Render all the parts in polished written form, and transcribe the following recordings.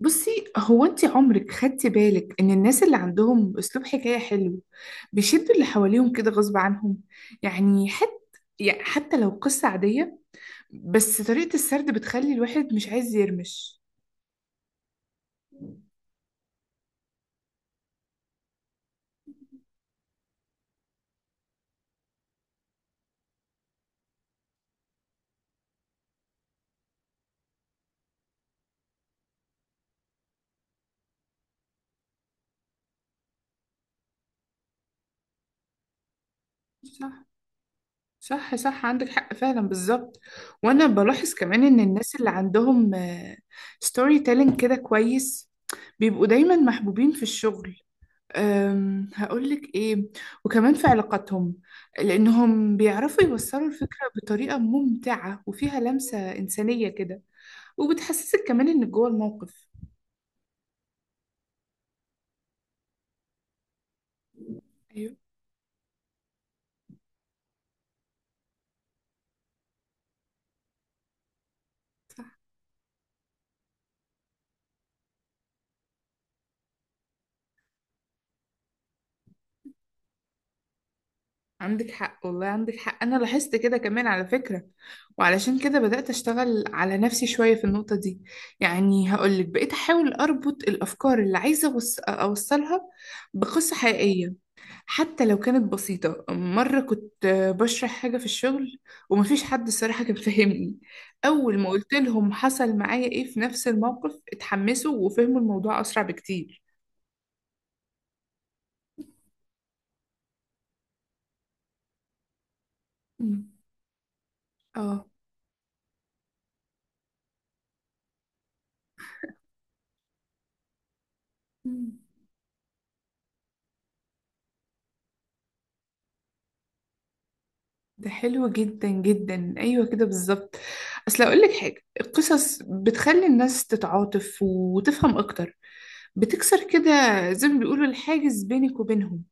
بصي، هو انت عمرك خدتي بالك ان الناس اللي عندهم اسلوب حكاية حلو بيشدوا اللي حواليهم كده غصب عنهم؟ يعني حتى يعني حتى لو قصة عادية، بس طريقة السرد بتخلي الواحد مش عايز يرمش. صح صح صح، عندك حق فعلا بالظبط. وانا بلاحظ كمان ان الناس اللي عندهم ستوري تيلينج كده كويس بيبقوا دايما محبوبين في الشغل. هقولك إيه، وكمان في علاقاتهم، لأنهم بيعرفوا يوصلوا الفكرة بطريقة ممتعة وفيها لمسة إنسانية كده، وبتحسسك كمان إنك جوه الموقف. أيوه. صح، عندك حق والله، عندك حق، أنا لاحظت كده كمان على فكرة. وعلشان كده بدأت أشتغل على نفسي شوية في النقطة دي. يعني هقولك، بقيت أحاول أربط الأفكار اللي عايزة أوصلها بقصة حقيقية، حتى لو كانت بسيطة. مرة كنت بشرح حاجة في الشغل ومفيش حد الصراحة كان فاهمني، أول ما قلت لهم حصل معايا إيه في نفس الموقف اتحمسوا وفهموا الموضوع أسرع بكتير. مم. آه. مم. ده حلو جدا جدا، أيوة كده بالظبط. أصل أقولك حاجة، القصص بتخلي الناس تتعاطف وتفهم أكتر، بتكسر كده زي ما بيقولوا الحاجز بينك وبينهم،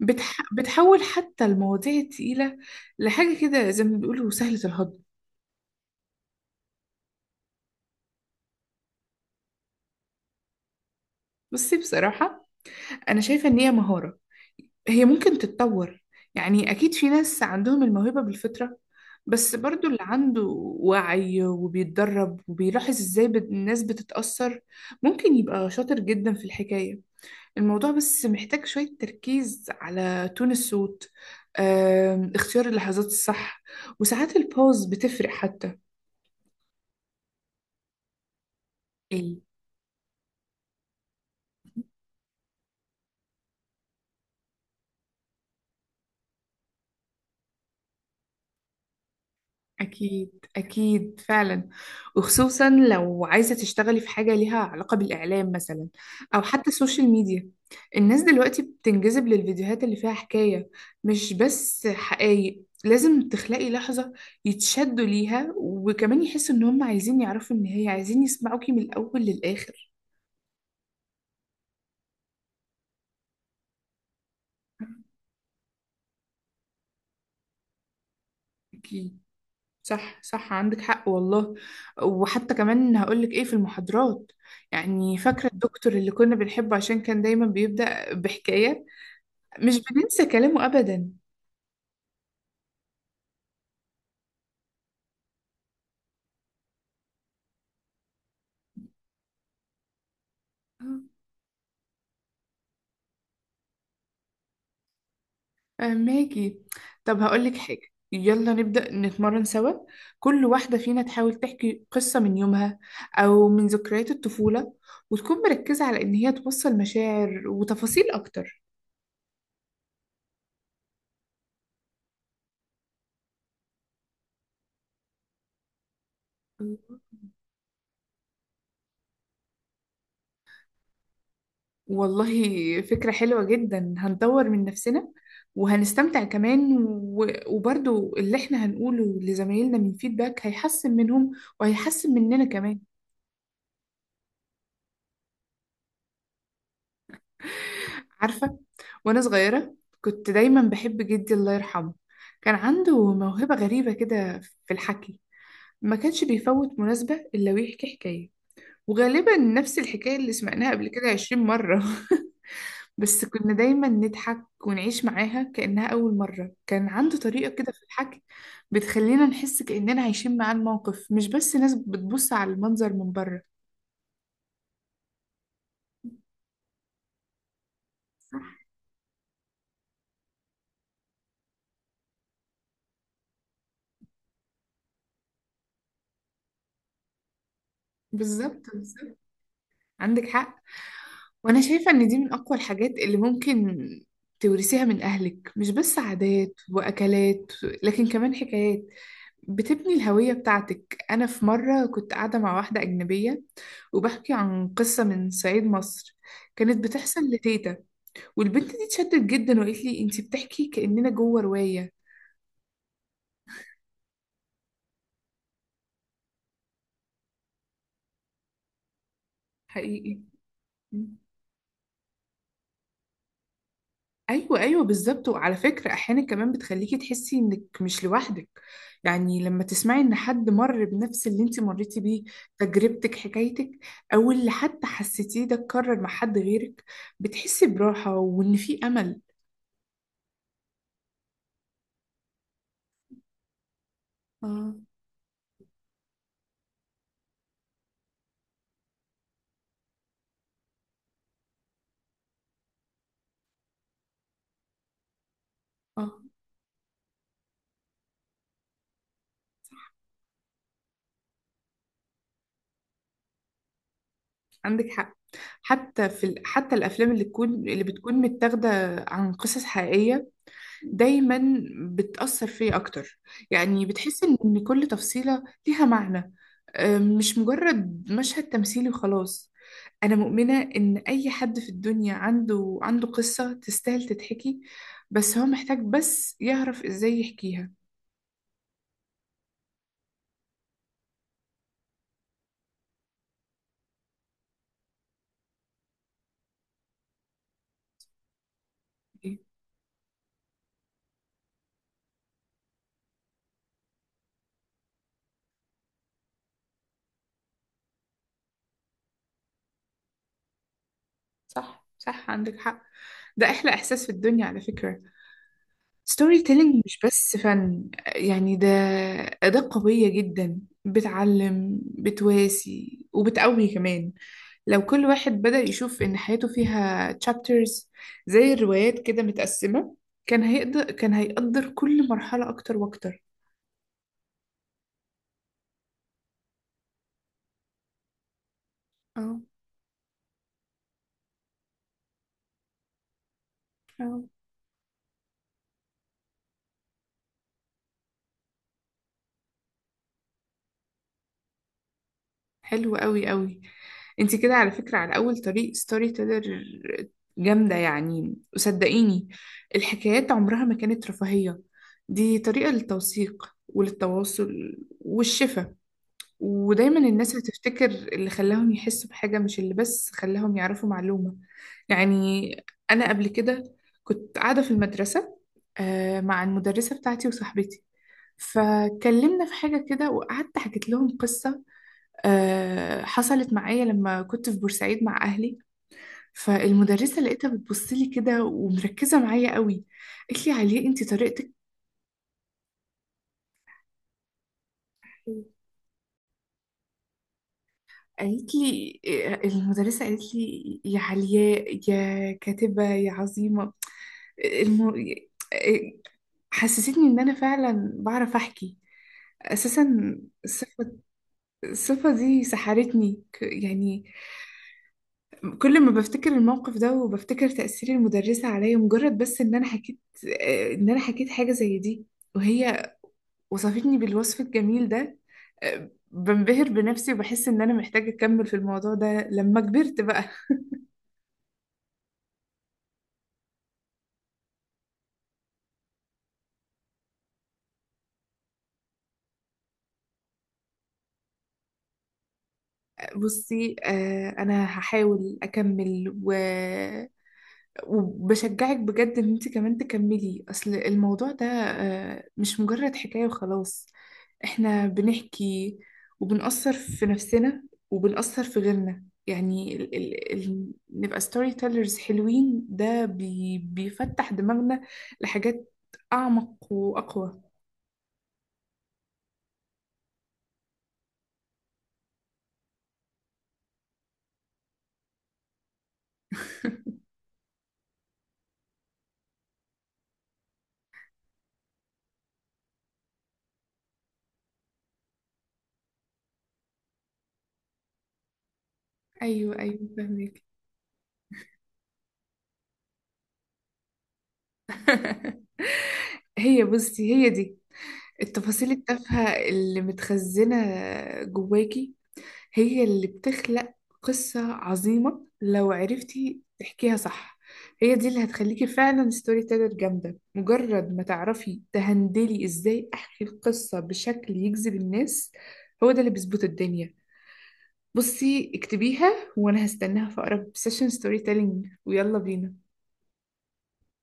بتحول حتى المواضيع التقيلة لحاجة كده زي ما بيقولوا سهلة الهضم. بصي بصراحة، أنا شايفة إن هي مهارة، هي ممكن تتطور. يعني أكيد في ناس عندهم الموهبة بالفطرة، بس برضو اللي عنده وعي وبيتدرب وبيلاحظ إزاي الناس بتتأثر ممكن يبقى شاطر جدا في الحكاية. الموضوع بس محتاج شوية تركيز على تون الصوت، اختيار اللحظات الصح، وساعات البوز بتفرق حتى. أكيد، أكيد فعلا، وخصوصا لو عايزة تشتغلي في حاجة ليها علاقة بالإعلام مثلا، أو حتى السوشيال ميديا. الناس دلوقتي بتنجذب للفيديوهات اللي فيها حكاية، مش بس حقايق، لازم تخلقي لحظة يتشدوا ليها، وكمان يحسوا إن هم عايزين يعرفوا النهاية، عايزين يسمعوكي من الأول للآخر. أكيد. صح صح، عندك حق والله. وحتى كمان هقولك ايه، في المحاضرات، يعني فاكرة الدكتور اللي كنا بنحبه عشان كان دايما بيبدأ بحكاية، مش بننسى كلامه أبدا. آه، ماجي، طب هقولك حاجة، يلا نبدأ نتمرن سوا، كل واحدة فينا تحاول تحكي قصة من يومها أو من ذكريات الطفولة، وتكون مركزة على إن هي توصل مشاعر وتفاصيل أكتر. والله فكرة حلوة جدا، هنطور من نفسنا وهنستمتع كمان وبرضو اللي احنا هنقوله لزمايلنا من فيدباك هيحسن منهم وهيحسن مننا كمان. عارفة، وأنا صغيرة كنت دايما بحب جدي، الله يرحمه، كان عنده موهبة غريبة كده في الحكي، ما كانش بيفوت مناسبة إلا ويحكي حكاية، وغالبا نفس الحكاية اللي سمعناها قبل كده 20 مرة بس كنا دايما نضحك ونعيش معاها كأنها أول مرة. كان عنده طريقة كده في الحكي بتخلينا نحس كأننا عايشين معاه الموقف، مش بس ناس بتبص على المنظر من بره. صح، بالظبط بالظبط، عندك حق. وأنا شايفة إن دي من أقوى الحاجات اللي ممكن تورثيها من أهلك، مش بس عادات وأكلات، لكن كمان حكايات، بتبني الهوية بتاعتك. أنا في مرة كنت قاعدة مع واحدة أجنبية وبحكي عن قصة من صعيد مصر كانت بتحصل لتيتا، والبنت دي اتشدت جدا وقالت لي انتي بتحكي كأننا جوه رواية. حقيقي. م. ايوه ايوه بالظبط، وعلى فكرة احيانا كمان بتخليكي تحسي انك مش لوحدك، يعني لما تسمعي ان حد مر بنفس اللي انتي مريتي بيه، تجربتك، حكايتك، او اللي حتى حسيتيه ده اتكرر مع حد غيرك، بتحسي براحة وان في امل. اه، اه عندك حق، حتى الافلام اللي بتكون متاخده عن قصص حقيقيه دايما بتأثر فيا أكتر، يعني بتحس إن كل تفصيلة ليها معنى. مش مجرد مشهد تمثيلي وخلاص. أنا مؤمنة إن أي حد في الدنيا عنده قصة تستاهل تتحكي، بس هو محتاج بس يعرف إزاي يحكيها. صح صح، عندك حق. ده أحلى إحساس في الدنيا على فكرة. ستوري تيلينج مش بس فن، يعني ده أداة قوية جدا، بتعلم، بتواسي، وبتقوي كمان. لو كل واحد بدأ يشوف إن حياته فيها chapters، زي الروايات كده متقسمة، كان هيقدر كل مرحلة أكتر وأكتر. اه، اه، حلو قوي قوي. انت كده على فكرة على أول طريق ستوري تيلر، جامدة يعني، وصدقيني، الحكايات عمرها ما كانت رفاهية، دي طريقة للتوثيق وللتواصل والشفا، ودايما الناس هتفتكر اللي خلاهم يحسوا بحاجة، مش اللي بس خلاهم يعرفوا معلومة. يعني أنا قبل كده كنت قاعدة في المدرسة، مع المدرسة بتاعتي وصاحبتي، فكلمنا في حاجة كده وقعدت حكيت لهم قصة حصلت معايا لما كنت في بورسعيد مع أهلي، فالمدرسة لقيتها بتبص لي كده ومركزة معايا قوي، قالت لي عليه أنت طريقتك، قالت لي، المدرسة قالت لي يا علياء يا كاتبة يا عظيمة. الم... حسستني إن أنا فعلا بعرف أحكي أساسا. الصفة الصفة دي سحرتني يعني كل ما بفتكر الموقف ده وبفتكر تأثير المدرسة عليا مجرد بس إن أنا حكيت، حاجة زي دي وهي وصفتني بالوصف الجميل ده، بنبهر بنفسي وبحس إن أنا محتاجة أكمل في الموضوع ده لما كبرت بقى. بصي، آه انا هحاول اكمل وبشجعك بجد ان انت كمان تكملي، اصل الموضوع ده مش مجرد حكاية وخلاص، احنا بنحكي وبنأثر في نفسنا وبنأثر في غيرنا، يعني نبقى ستوري تيلرز حلوين، ده بيفتح دماغنا لحاجات اعمق واقوى. ايوه ايوه فهمك هي بصي، هي دي التفاصيل التافهة اللي متخزنة جواكي، هي اللي بتخلق قصة عظيمة لو عرفتي تحكيها صح. هي دي اللي هتخليكي فعلا ستوري تيلر جامدة، مجرد ما تعرفي تهندلي ازاي احكي القصة بشكل يجذب الناس، هو ده اللي بيظبط الدنيا. بصي اكتبيها وانا هستناها في اقرب سيشن ستوري تيلينج، ويلا بينا.